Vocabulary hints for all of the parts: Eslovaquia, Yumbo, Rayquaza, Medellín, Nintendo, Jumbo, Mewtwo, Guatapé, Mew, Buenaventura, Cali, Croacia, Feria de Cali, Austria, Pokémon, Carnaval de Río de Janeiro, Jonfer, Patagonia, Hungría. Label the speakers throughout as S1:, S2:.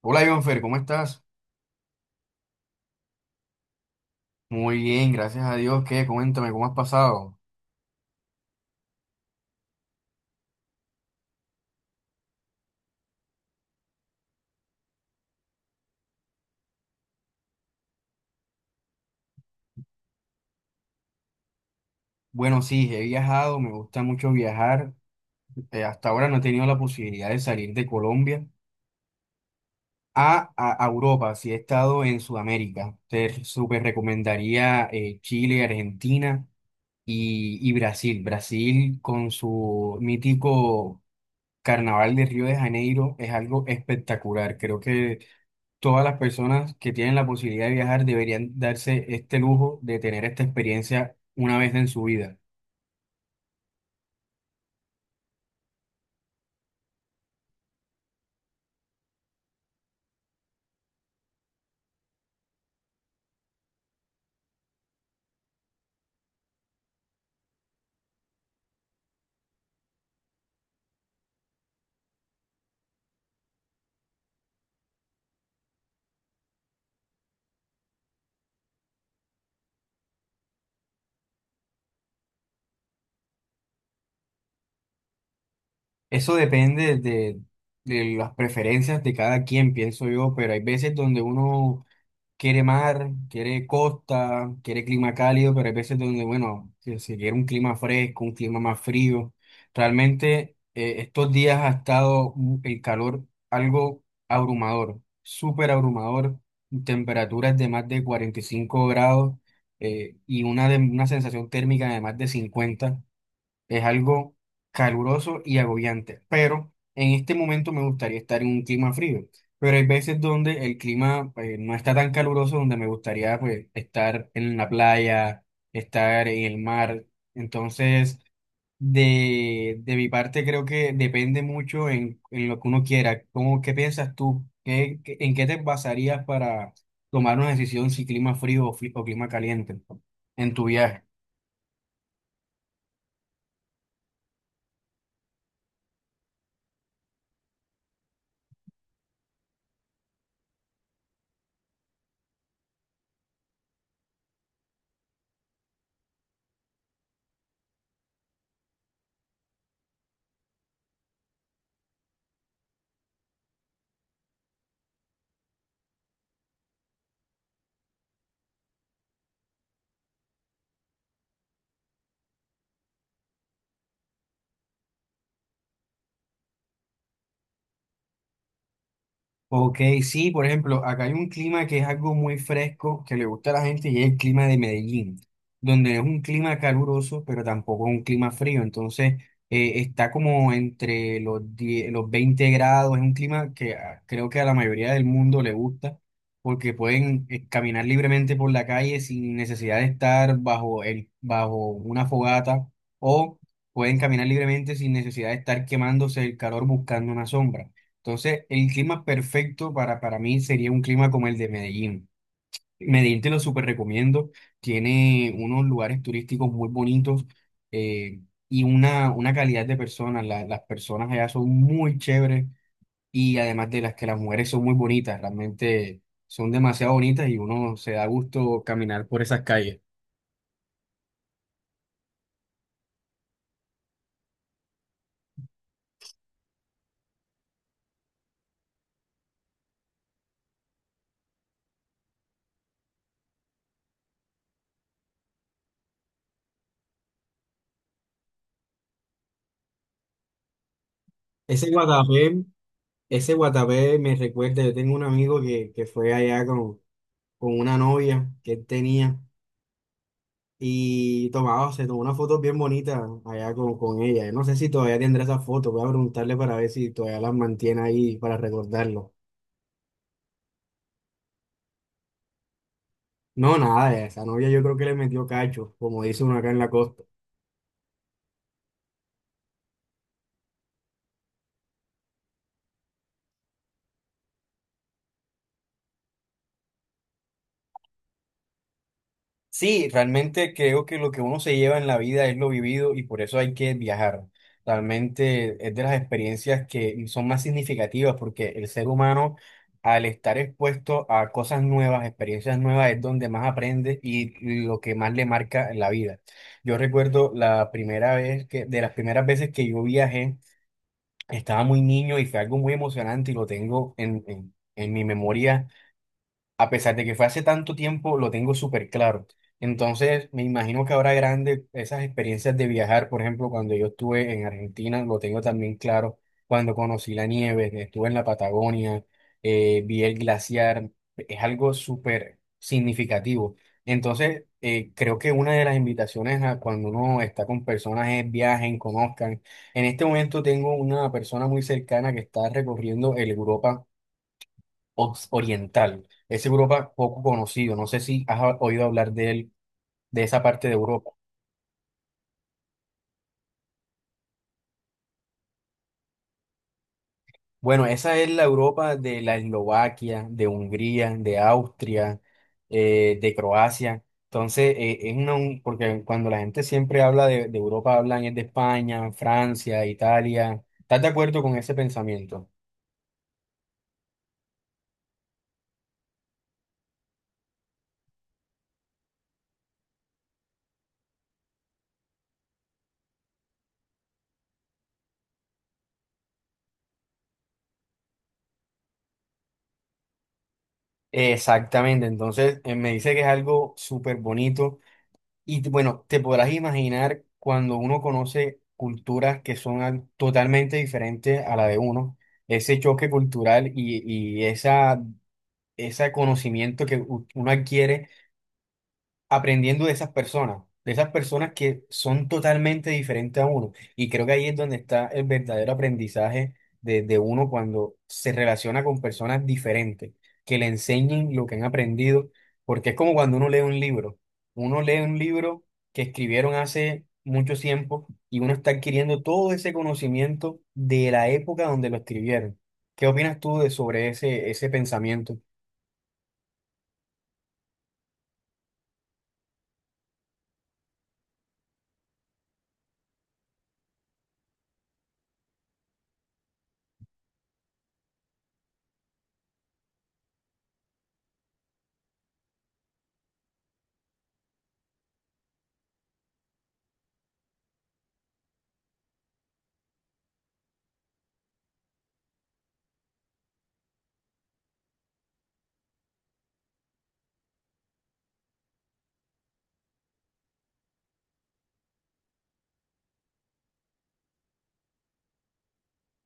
S1: Hola, Jonfer, ¿cómo estás? Muy bien, gracias a Dios. ¿Qué? Coméntame, ¿cómo has pasado? Bueno, sí, he viajado, me gusta mucho viajar. Hasta ahora no he tenido la posibilidad de salir de Colombia a Europa, sí he estado en Sudamérica. Te súper recomendaría Chile, Argentina y Brasil. Brasil con su mítico Carnaval de Río de Janeiro es algo espectacular. Creo que todas las personas que tienen la posibilidad de viajar deberían darse este lujo de tener esta experiencia una vez en su vida. Eso depende de las preferencias de cada quien, pienso yo, pero hay veces donde uno quiere mar, quiere costa, quiere clima cálido, pero hay veces donde, bueno, si se quiere un clima fresco, un clima más frío. Realmente estos días ha estado el calor algo abrumador, súper abrumador, temperaturas de más de 45 grados y una sensación térmica de más de 50 es algo caluroso y agobiante, pero en este momento me gustaría estar en un clima frío. Pero hay veces donde el clima no está tan caluroso, donde me gustaría, pues, estar en la playa, estar en el mar. Entonces, de mi parte creo que depende mucho en lo que uno quiera. ¿Cómo, qué piensas tú? ¿En qué te basarías para tomar una decisión, si clima frío o clima caliente en tu viaje? Ok, sí, por ejemplo, acá hay un clima que es algo muy fresco que le gusta a la gente y es el clima de Medellín, donde es un clima caluroso, pero tampoco es un clima frío. Entonces, está como entre los 10 los 20 grados. Es un clima que creo que a la mayoría del mundo le gusta porque pueden caminar libremente por la calle sin necesidad de estar bajo una fogata o pueden caminar libremente sin necesidad de estar quemándose el calor buscando una sombra. Entonces, el clima perfecto para mí sería un clima como el de Medellín. Medellín te lo súper recomiendo. Tiene unos lugares turísticos muy bonitos eh, y una calidad de personas. Las personas allá son muy chéveres y además de las que las mujeres son muy bonitas, realmente son demasiado bonitas y uno se da gusto caminar por esas calles. Ese Guatapé, ese Guatapé me recuerda, yo tengo un amigo que fue allá con una novia que él tenía. Y tomaba, se tomó una foto bien bonita allá con ella. No sé si todavía tendrá esa foto, voy a preguntarle para ver si todavía las mantiene ahí para recordarlo. No, nada, esa novia yo creo que le metió cacho, como dice uno acá en la costa. Sí, realmente creo que lo que uno se lleva en la vida es lo vivido y por eso hay que viajar. Realmente es de las experiencias que son más significativas, porque el ser humano al estar expuesto a cosas nuevas, experiencias nuevas, es donde más aprende y lo que más le marca en la vida. Yo recuerdo la primera vez que, de las primeras veces que yo viajé, estaba muy niño y fue algo muy emocionante y lo tengo en mi memoria. A pesar de que fue hace tanto tiempo, lo tengo súper claro. Entonces, me imagino que ahora grande esas experiencias de viajar, por ejemplo, cuando yo estuve en Argentina, lo tengo también claro, cuando conocí la nieve, que estuve en la Patagonia, vi el glaciar, es algo súper significativo. Entonces, creo que una de las invitaciones a cuando uno está con personas es viajen, conozcan. En este momento tengo una persona muy cercana que está recorriendo el Europa oriental. Es Europa poco conocido. No sé si has oído hablar de él, de esa parte de Europa. Bueno, esa es la Europa de la Eslovaquia, de Hungría, de Austria, de Croacia. Entonces, es porque cuando la gente siempre habla de Europa, hablan es de España, Francia, Italia. ¿Estás de acuerdo con ese pensamiento? Exactamente, entonces me dice que es algo súper bonito. Y bueno, te podrás imaginar cuando uno conoce culturas que son totalmente diferentes a la de uno, ese choque cultural y ese conocimiento que uno adquiere aprendiendo de esas personas que son totalmente diferentes a uno. Y creo que ahí es donde está el verdadero aprendizaje de uno cuando se relaciona con personas diferentes, que le enseñen lo que han aprendido, porque es como cuando uno lee un libro. Uno lee un libro que escribieron hace mucho tiempo y uno está adquiriendo todo ese conocimiento de la época donde lo escribieron. ¿Qué opinas tú de sobre ese pensamiento?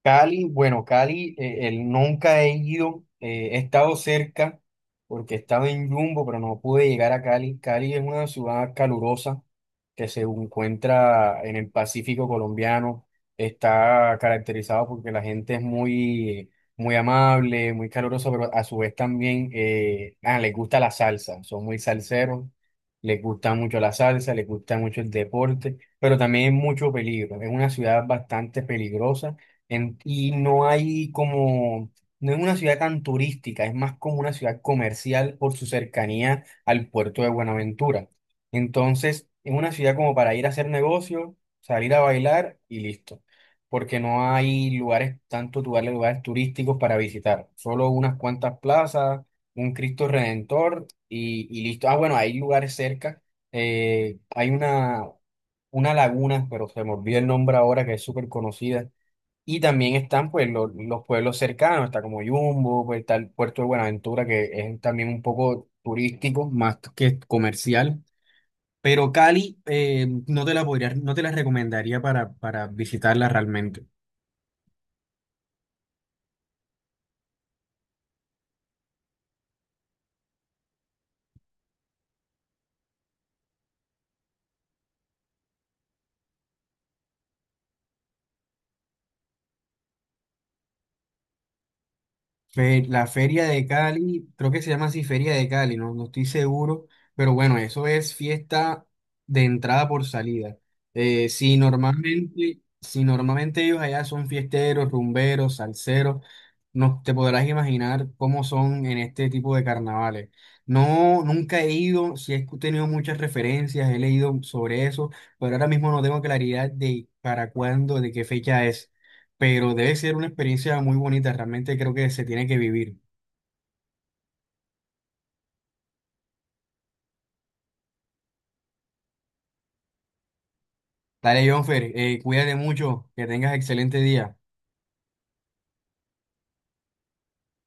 S1: Cali, bueno, Cali, nunca he ido, he estado cerca porque he estado en Jumbo, pero no pude llegar a Cali. Cali es una ciudad calurosa que se encuentra en el Pacífico colombiano. Está caracterizado porque la gente es muy, muy amable, muy calurosa, pero a su vez también les gusta la salsa, son muy salseros, les gusta mucho la salsa, les gusta mucho el deporte, pero también mucho peligro. Es una ciudad bastante peligrosa y no hay como, no es una ciudad tan turística, es más como una ciudad comercial por su cercanía al puerto de Buenaventura. Entonces, es una ciudad como para ir a hacer negocio, salir a bailar y listo. Porque no hay lugares, tantos lugares, lugares turísticos para visitar. Solo unas cuantas plazas, un Cristo Redentor y listo. Ah, bueno, hay lugares cerca. Hay una laguna, pero se me olvidó el nombre ahora, que es súper conocida. Y también están, pues, los pueblos cercanos, está como Yumbo, pues, está el puerto de Buenaventura, que es también un poco turístico, más que comercial. Pero Cali no te la podría, no te la recomendaría para visitarla realmente. La Feria de Cali, creo que se llama así, Feria de Cali, no, no estoy seguro, pero bueno, eso es fiesta de entrada por salida. Si normalmente ellos allá son fiesteros, rumberos, salseros, no te podrás imaginar cómo son en este tipo de carnavales. No, nunca he ido, sí he tenido muchas referencias, he leído sobre eso, pero ahora mismo no tengo claridad de para cuándo, de qué fecha es, pero debe ser una experiencia muy bonita, realmente creo que se tiene que vivir. Dale, Jonfer, cuídate mucho, que tengas excelente día.